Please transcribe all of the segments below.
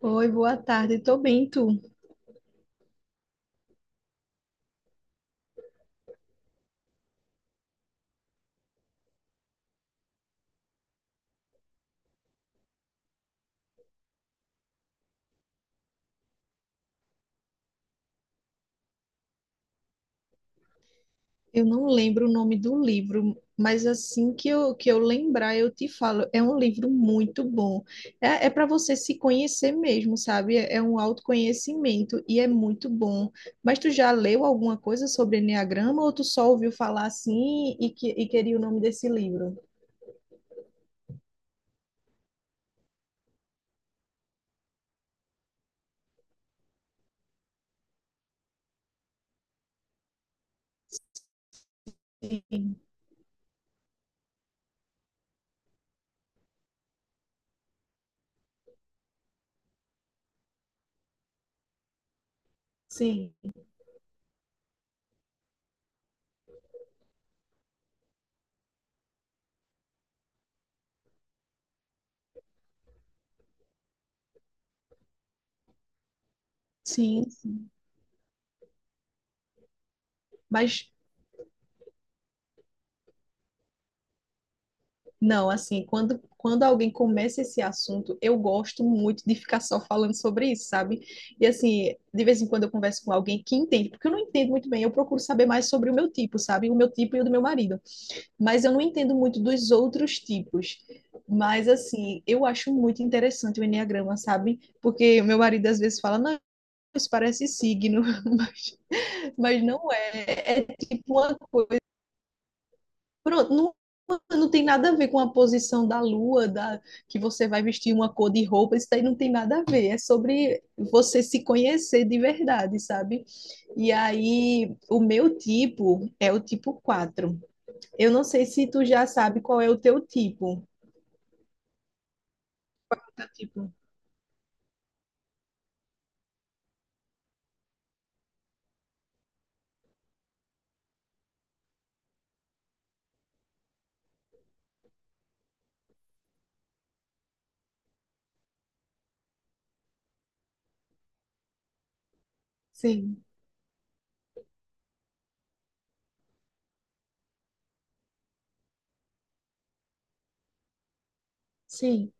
Oi, boa tarde. Tô bem, tu? Eu não lembro o nome do livro, mas assim que eu lembrar, eu te falo. É um livro muito bom. É para você se conhecer mesmo, sabe? É um autoconhecimento e é muito bom. Mas tu já leu alguma coisa sobre Eneagrama ou tu só ouviu falar assim e queria o nome desse livro? Sim, sim, sim. Sim. Mas Não, assim, quando alguém começa esse assunto, eu gosto muito de ficar só falando sobre isso, sabe? E assim, de vez em quando eu converso com alguém que entende, porque eu não entendo muito bem, eu procuro saber mais sobre o meu tipo, sabe? O meu tipo e o do meu marido. Mas eu não entendo muito dos outros tipos. Mas assim, eu acho muito interessante o enneagrama, sabe? Porque o meu marido às vezes fala, não, isso parece signo, mas, mas não é. É tipo uma coisa. Pronto, não, não tem nada a ver com a posição da lua, que você vai vestir uma cor de roupa, isso daí não tem nada a ver. É sobre você se conhecer de verdade, sabe? E aí, o meu tipo é o tipo quatro. Eu não sei se tu já sabe qual é o teu tipo. Tá. Tipo, sim, sim.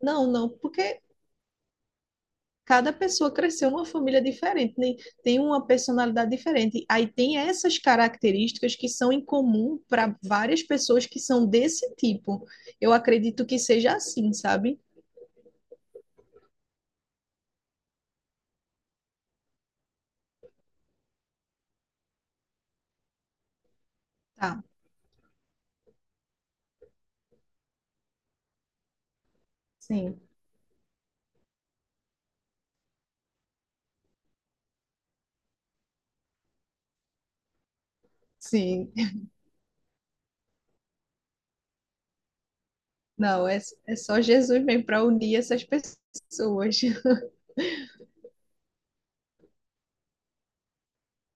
Não, não, porque cada pessoa cresceu numa família diferente, né? Tem uma personalidade diferente. Aí tem essas características que são em comum para várias pessoas que são desse tipo. Eu acredito que seja assim, sabe? Tá. Sim. Sim. Não, é só Jesus mesmo para unir essas pessoas.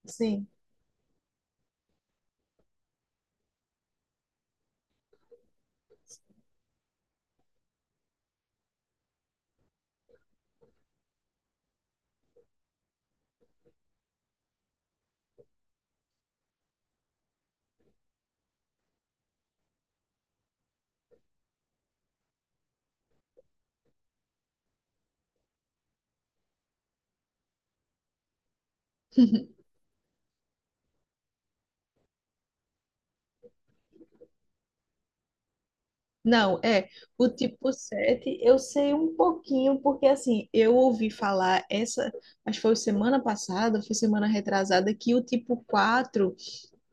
Sim. Não, é. O tipo sete, eu sei um pouquinho, porque assim, eu ouvi falar essa, acho que foi semana passada, foi semana retrasada, que o tipo 4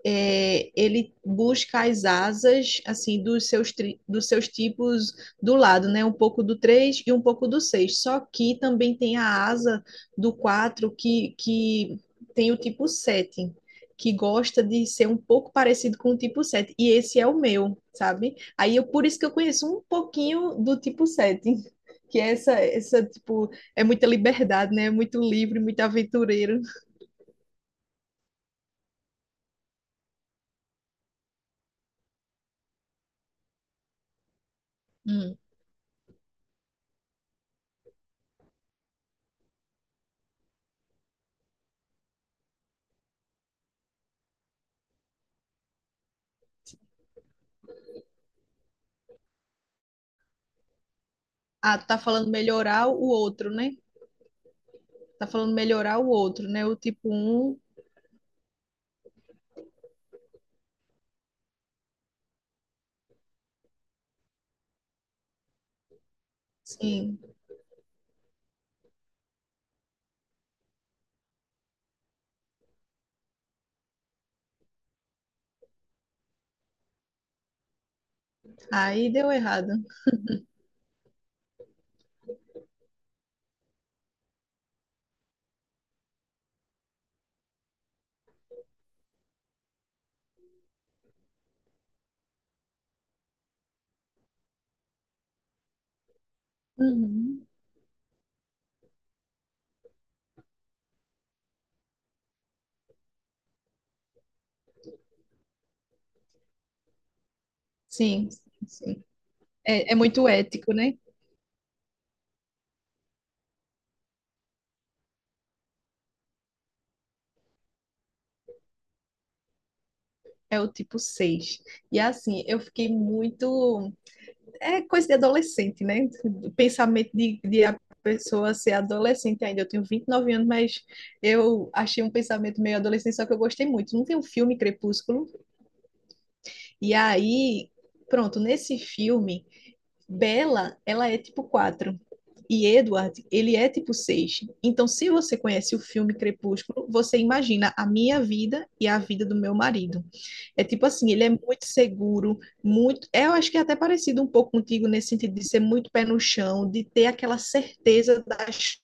é, ele busca as asas assim dos seus tipos do lado, né? Um pouco do 3 e um pouco do seis. Só que também tem a asa do 4 que tem o tipo 7 que gosta de ser um pouco parecido com o tipo sete. E esse é o meu, sabe? Por isso que eu conheço um pouquinho do tipo sete. Que é tipo, é muita liberdade, né? É muito livre, muito aventureiro. Hum. Ah, tu tá falando melhorar o outro, né? Tá falando melhorar o outro, né? O tipo um, sim. Aí deu errado. Uhum. Sim, sim. É muito ético, né? É o tipo 6. E assim, eu fiquei muito. É coisa de adolescente, né? Pensamento de a pessoa ser adolescente ainda. Eu tenho 29 anos, mas eu achei um pensamento meio adolescente, só que eu gostei muito. Não tem um filme Crepúsculo? E aí, pronto, nesse filme, Bella, ela é tipo 4. E Edward, ele é tipo 6. Então, se você conhece o filme Crepúsculo, você imagina a minha vida e a vida do meu marido. É tipo assim, ele é muito seguro, muito. Eu acho que é até parecido um pouco contigo nesse sentido de ser muito pé no chão, de ter aquela certeza das.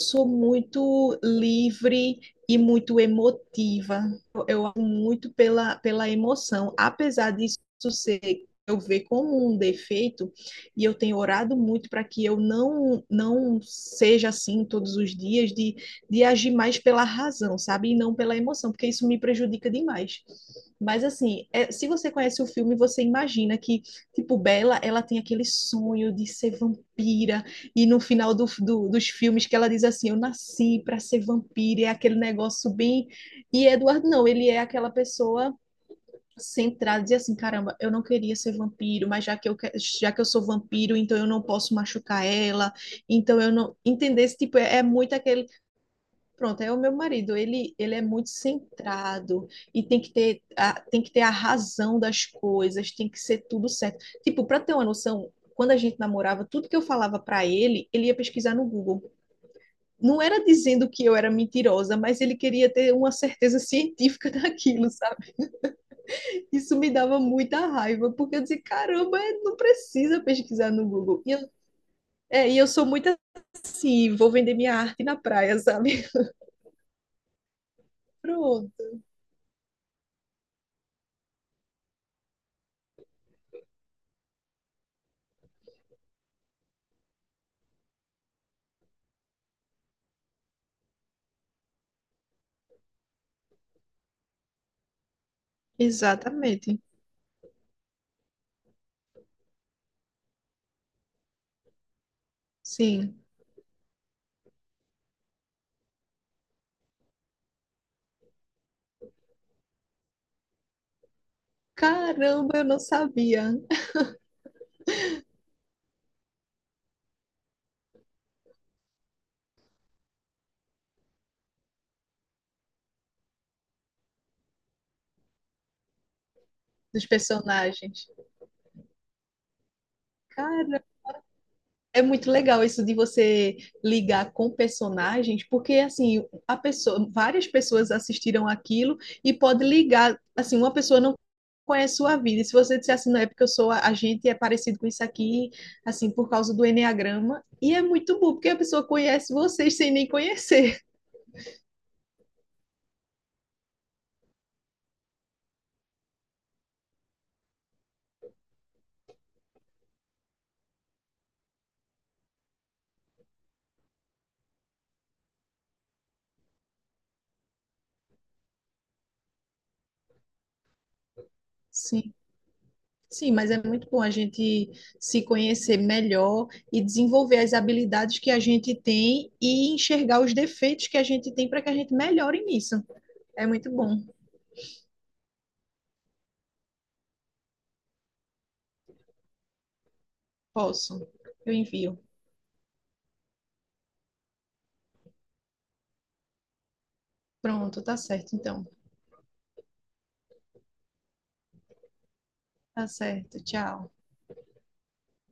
Sou muito livre e muito emotiva. Eu amo muito pela emoção, apesar disso ser eu ver como um defeito, e eu tenho orado muito para que eu não seja assim todos os dias, de agir mais pela razão, sabe? E não pela emoção, porque isso me prejudica demais. Mas assim, é, se você conhece o filme, você imagina que, tipo, Bella, ela tem aquele sonho de ser vampira, e no final dos filmes que ela diz assim, eu nasci para ser vampiro, é aquele negócio bem. E Edward não, ele é aquela pessoa centrada, diz assim, caramba, eu não queria ser vampiro, mas já que eu sou vampiro, então eu não posso machucar ela, então eu não entender esse tipo é, muito aquele. Pronto, é o meu marido, ele é muito centrado e tem que ter a razão das coisas, tem que ser tudo certo. Tipo, para ter uma noção, quando a gente namorava, tudo que eu falava para ele, ele ia pesquisar no Google. Não era dizendo que eu era mentirosa, mas ele queria ter uma certeza científica daquilo, sabe? Isso me dava muita raiva, porque eu dizia, caramba, é, não precisa pesquisar no Google. E eu, é, e eu sou muito assim, vou vender minha arte na praia, sabe? Pronto. Exatamente. Sim. Caramba, eu não sabia dos personagens. Cara, é muito legal isso de você ligar com personagens, porque assim, várias pessoas assistiram aquilo e pode ligar, assim, uma pessoa não conhece sua vida. E se você disser assim, não é porque eu sou a gente é parecido com isso aqui, assim, por causa do enneagrama, e é muito bom, porque a pessoa conhece vocês sem nem conhecer. Sim, sim, mas é muito bom a gente se conhecer melhor e desenvolver as habilidades que a gente tem e enxergar os defeitos que a gente tem para que a gente melhore nisso. É muito bom. Posso. Eu envio. Pronto, tá certo então. Tá certo. Tchau.